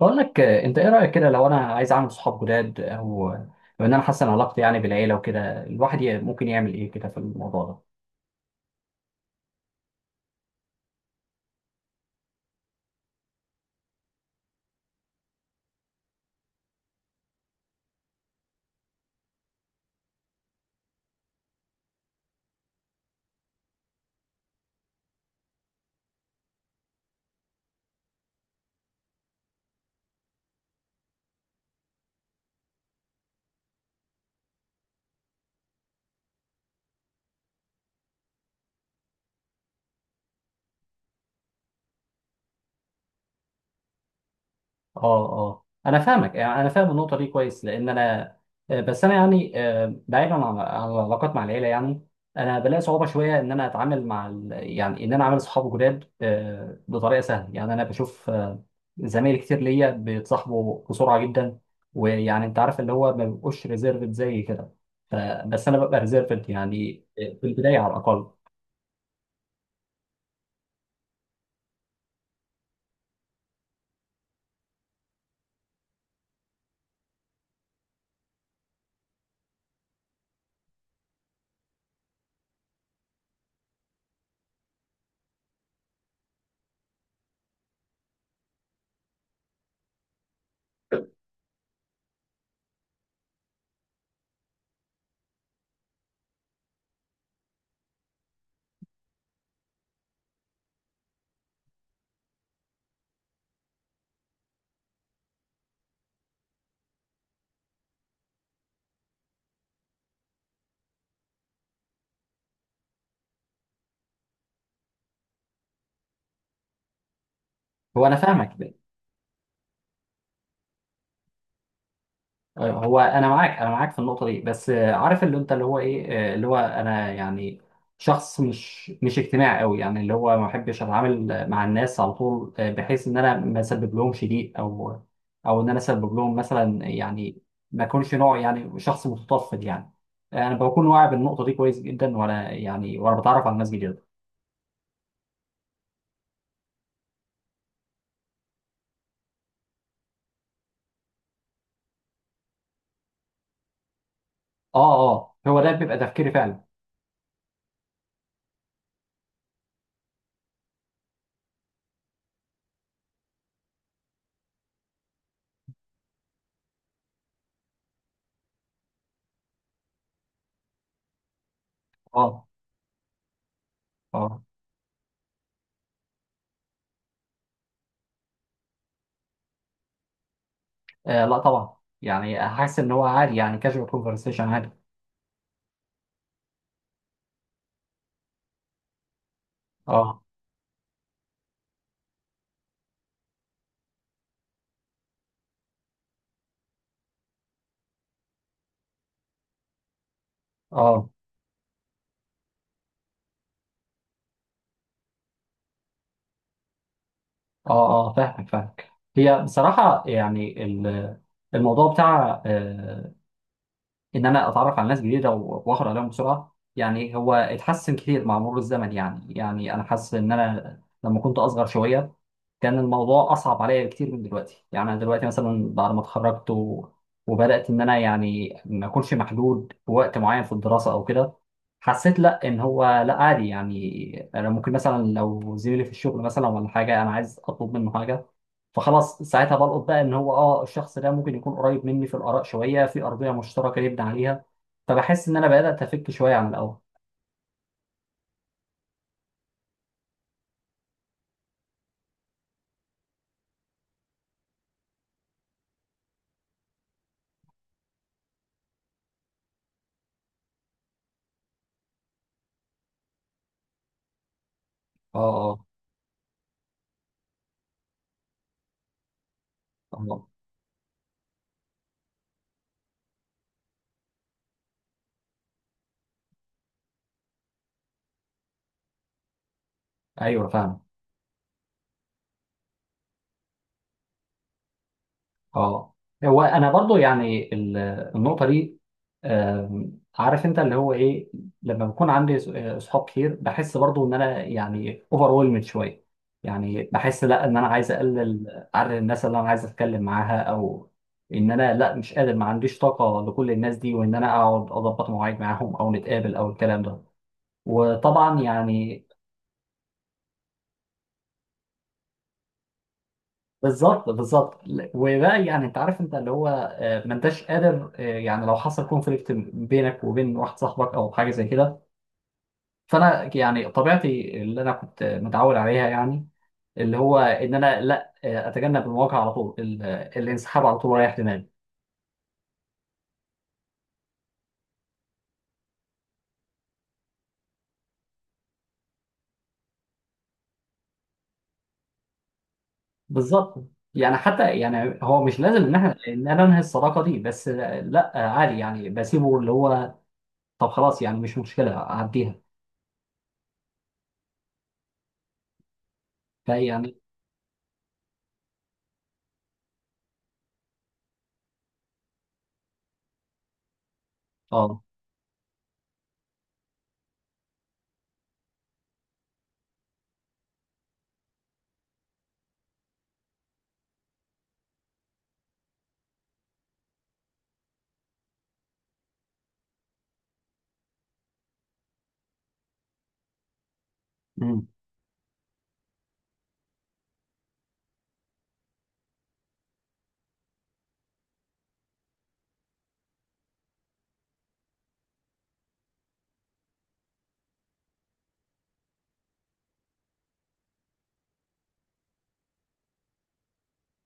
بقول لك، انت ايه رايك كده لو انا عايز اعمل صحاب جداد او ان انا احسن علاقتي يعني بالعيله وكده، الواحد ممكن يعمل ايه كده في الموضوع ده؟ اه، اه، انا فاهمك، يعني انا فاهم النقطه دي كويس، لان انا بس انا يعني بعيدا عن العلاقات مع العيله، يعني انا بلاقي صعوبه شويه ان انا اتعامل مع يعني ان انا اعمل صحاب جداد بطريقه سهله. يعني انا بشوف زمايل كتير ليا بيتصاحبوا بسرعه جدا، ويعني انت عارف، اللي هو ما بيبقوش ريزيرفد زي كده. ف- بس انا ببقى ريزيرفد يعني في البدايه على الاقل. هو انا فاهمك. هو انا معاك، انا معاك في النقطه دي، بس عارف اللي انت اللي هو ايه. اللي هو انا يعني شخص مش اجتماعي قوي، يعني اللي هو ما بحبش اتعامل مع الناس على طول، بحيث ان انا ما اسبب لهمش ضيق، او ان انا اسبب لهم مثلا يعني ما اكونش نوع، يعني شخص متطفل يعني. انا بكون واعي بالنقطه دي كويس جدا، وانا يعني وانا بتعرف على ناس جديده. اه، اه، هو ده بيبقى تفكيري فعلا. اه، اه، لا طبعا، يعني حاسس ان هو عادي، يعني كاجوال كونفرسيشن عادي. اه، اه، اه، اه، فاهمك فاهمك. هي بصراحة يعني الموضوع بتاع ان انا اتعرف على ناس جديدة واخد عليهم بسرعة، يعني هو اتحسن كتير مع مرور الزمن. يعني انا حاسس ان انا لما كنت اصغر شوية كان الموضوع اصعب عليا بكتير من دلوقتي. يعني انا دلوقتي مثلا بعد ما اتخرجت وبدات ان انا، يعني ما اكونش محدود بوقت معين في الدراسه او كده، حسيت لا ان هو لا عادي. يعني انا ممكن مثلا لو زميلي في الشغل مثلا ولا حاجه انا عايز اطلب منه حاجه، فخلاص ساعتها بلقط بقى ان هو، الشخص ده ممكن يكون قريب مني في الاراء شويه، في ارضيه مشتركه نبني عليها. فبحس ان انا بدات افك شويه عن الاول. اه، اه، آه. ايوه، فاهم. اه، هو انا برضو يعني النقطه دي، عارف انت اللي هو ايه، لما بكون عندي صحاب كتير بحس برضو ان انا يعني اوفر ويلمد شويه. يعني بحس لا، ان انا عايز اقلل عدد الناس اللي انا عايز اتكلم معاها، او ان انا لا، مش قادر، ما عنديش طاقه لكل الناس دي، وان انا اقعد اضبط مواعيد معاهم او نتقابل او الكلام ده. وطبعا يعني، بالظبط بالظبط. وبقى يعني انت عارف، انت اللي هو ما انتش قادر يعني لو حصل كونفليكت بينك وبين واحد صاحبك او حاجه زي كده، فانا يعني طبيعتي اللي انا كنت متعود عليها، يعني اللي هو ان انا لا، اتجنب المواجهه على طول، الانسحاب على طول رايح دماغي. بالظبط، يعني حتى يعني هو مش لازم ان احنا ان انا انهي الصداقه دي، بس لا، عادي يعني بسيبه، اللي هو طب خلاص يعني مش مشكله اعديها، فيعني. اه، مم.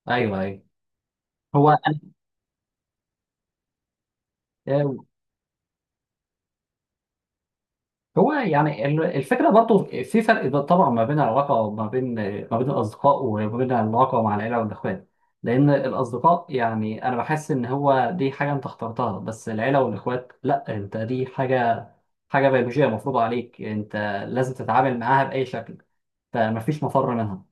ايوه، ايوه. هو، هو يعني الفكرة برضو في فرق، طبعا ما بين العلاقة، ما بين الأصدقاء، وما بين العلاقة مع العيلة والإخوان. لأن الأصدقاء يعني أنا بحس إن هو دي حاجة أنت اخترتها، بس العيلة والإخوات لأ، أنت دي حاجة بيولوجية مفروضة عليك، أنت لازم تتعامل معاها بأي شكل، فمفيش مفر منها.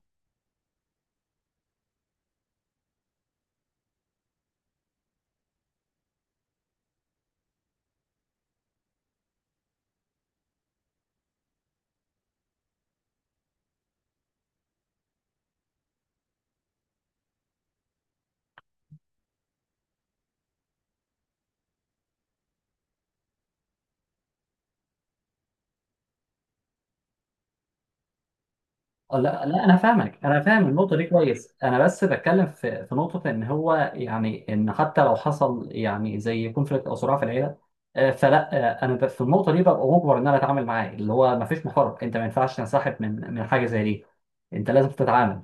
اه، لا، لا، انا فاهمك، انا فاهم النقطه دي كويس، انا بس بتكلم في نقطه، ان هو يعني، ان حتى لو حصل يعني زي كونفليكت او صراع في العيله، فلا، انا في النقطه دي ببقى مجبر ان انا اتعامل معاه، اللي هو ما فيش محارب، انت ما ينفعش تنسحب من حاجه زي دي، انت لازم تتعامل.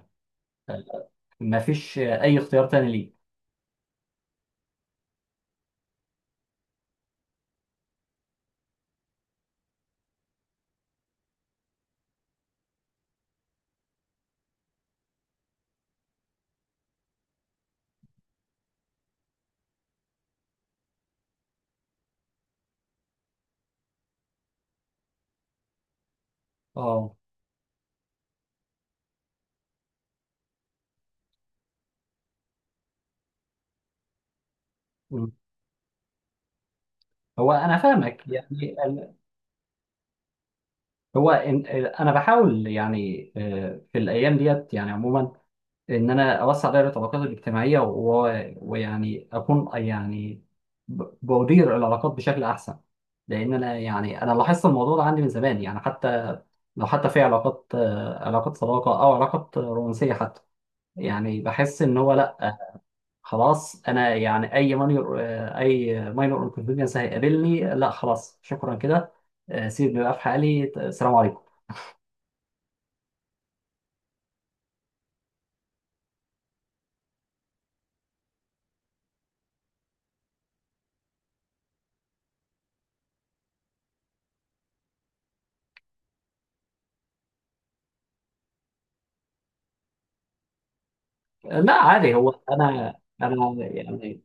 آه، ما فيش اي اختيار تاني ليك. اه، مم. هو انا فاهمك، يعني هو انا بحاول يعني في الايام ديت يعني عموما ان انا اوسع دائره العلاقات الاجتماعيه، ويعني اكون يعني بدير العلاقات بشكل احسن، لان انا يعني انا لاحظت الموضوع ده عندي من زمان، يعني حتى لو حتى في علاقات، علاقات صداقه او علاقات رومانسيه حتى، يعني بحس ان هو لا، خلاص انا يعني اي مانيور آه، اي ماينور انكونفينينس هيقابلني، لا خلاص شكرا كده. سيبني بقى في حالي. السلام عليكم. لا عادي، هو انا يعني،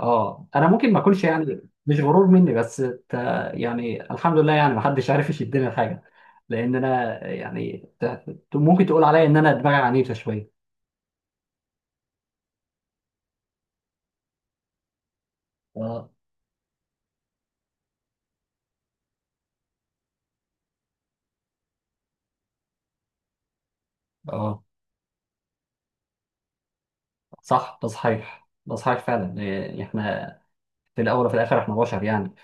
اه انا ممكن ما اكونش يعني، مش غرور مني بس ت... يعني الحمد لله، يعني ما حدش عارف يشدني لحاجه، لان انا يعني ممكن تقول عليا ان انا دماغي عنيفه شويه. اه، اه، صح، ده صحيح، ده صحيح فعلا. إيه، احنا في الاول وفي الاخر احنا بشر، يعني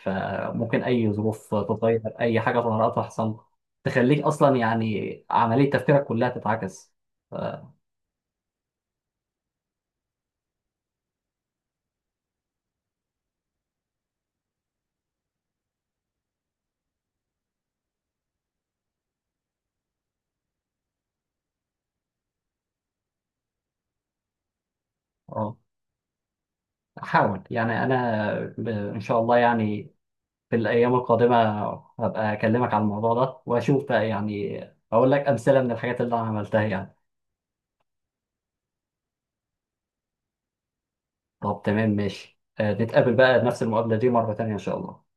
ممكن اي ظروف تتغير، اي حاجه طارئه تحصل تخليك اصلا يعني عمليه تفكيرك كلها تتعكس. ف- اه، حاول يعني، انا ان شاء الله يعني في الأيام القادمة هبقى أكلمك على الموضوع ده، وأشوف بقى يعني، أقول لك أمثلة من الحاجات اللي أنا عملتها يعني. طب تمام ماشي، نتقابل بقى نفس المقابلة دي مرة تانية إن شاء الله.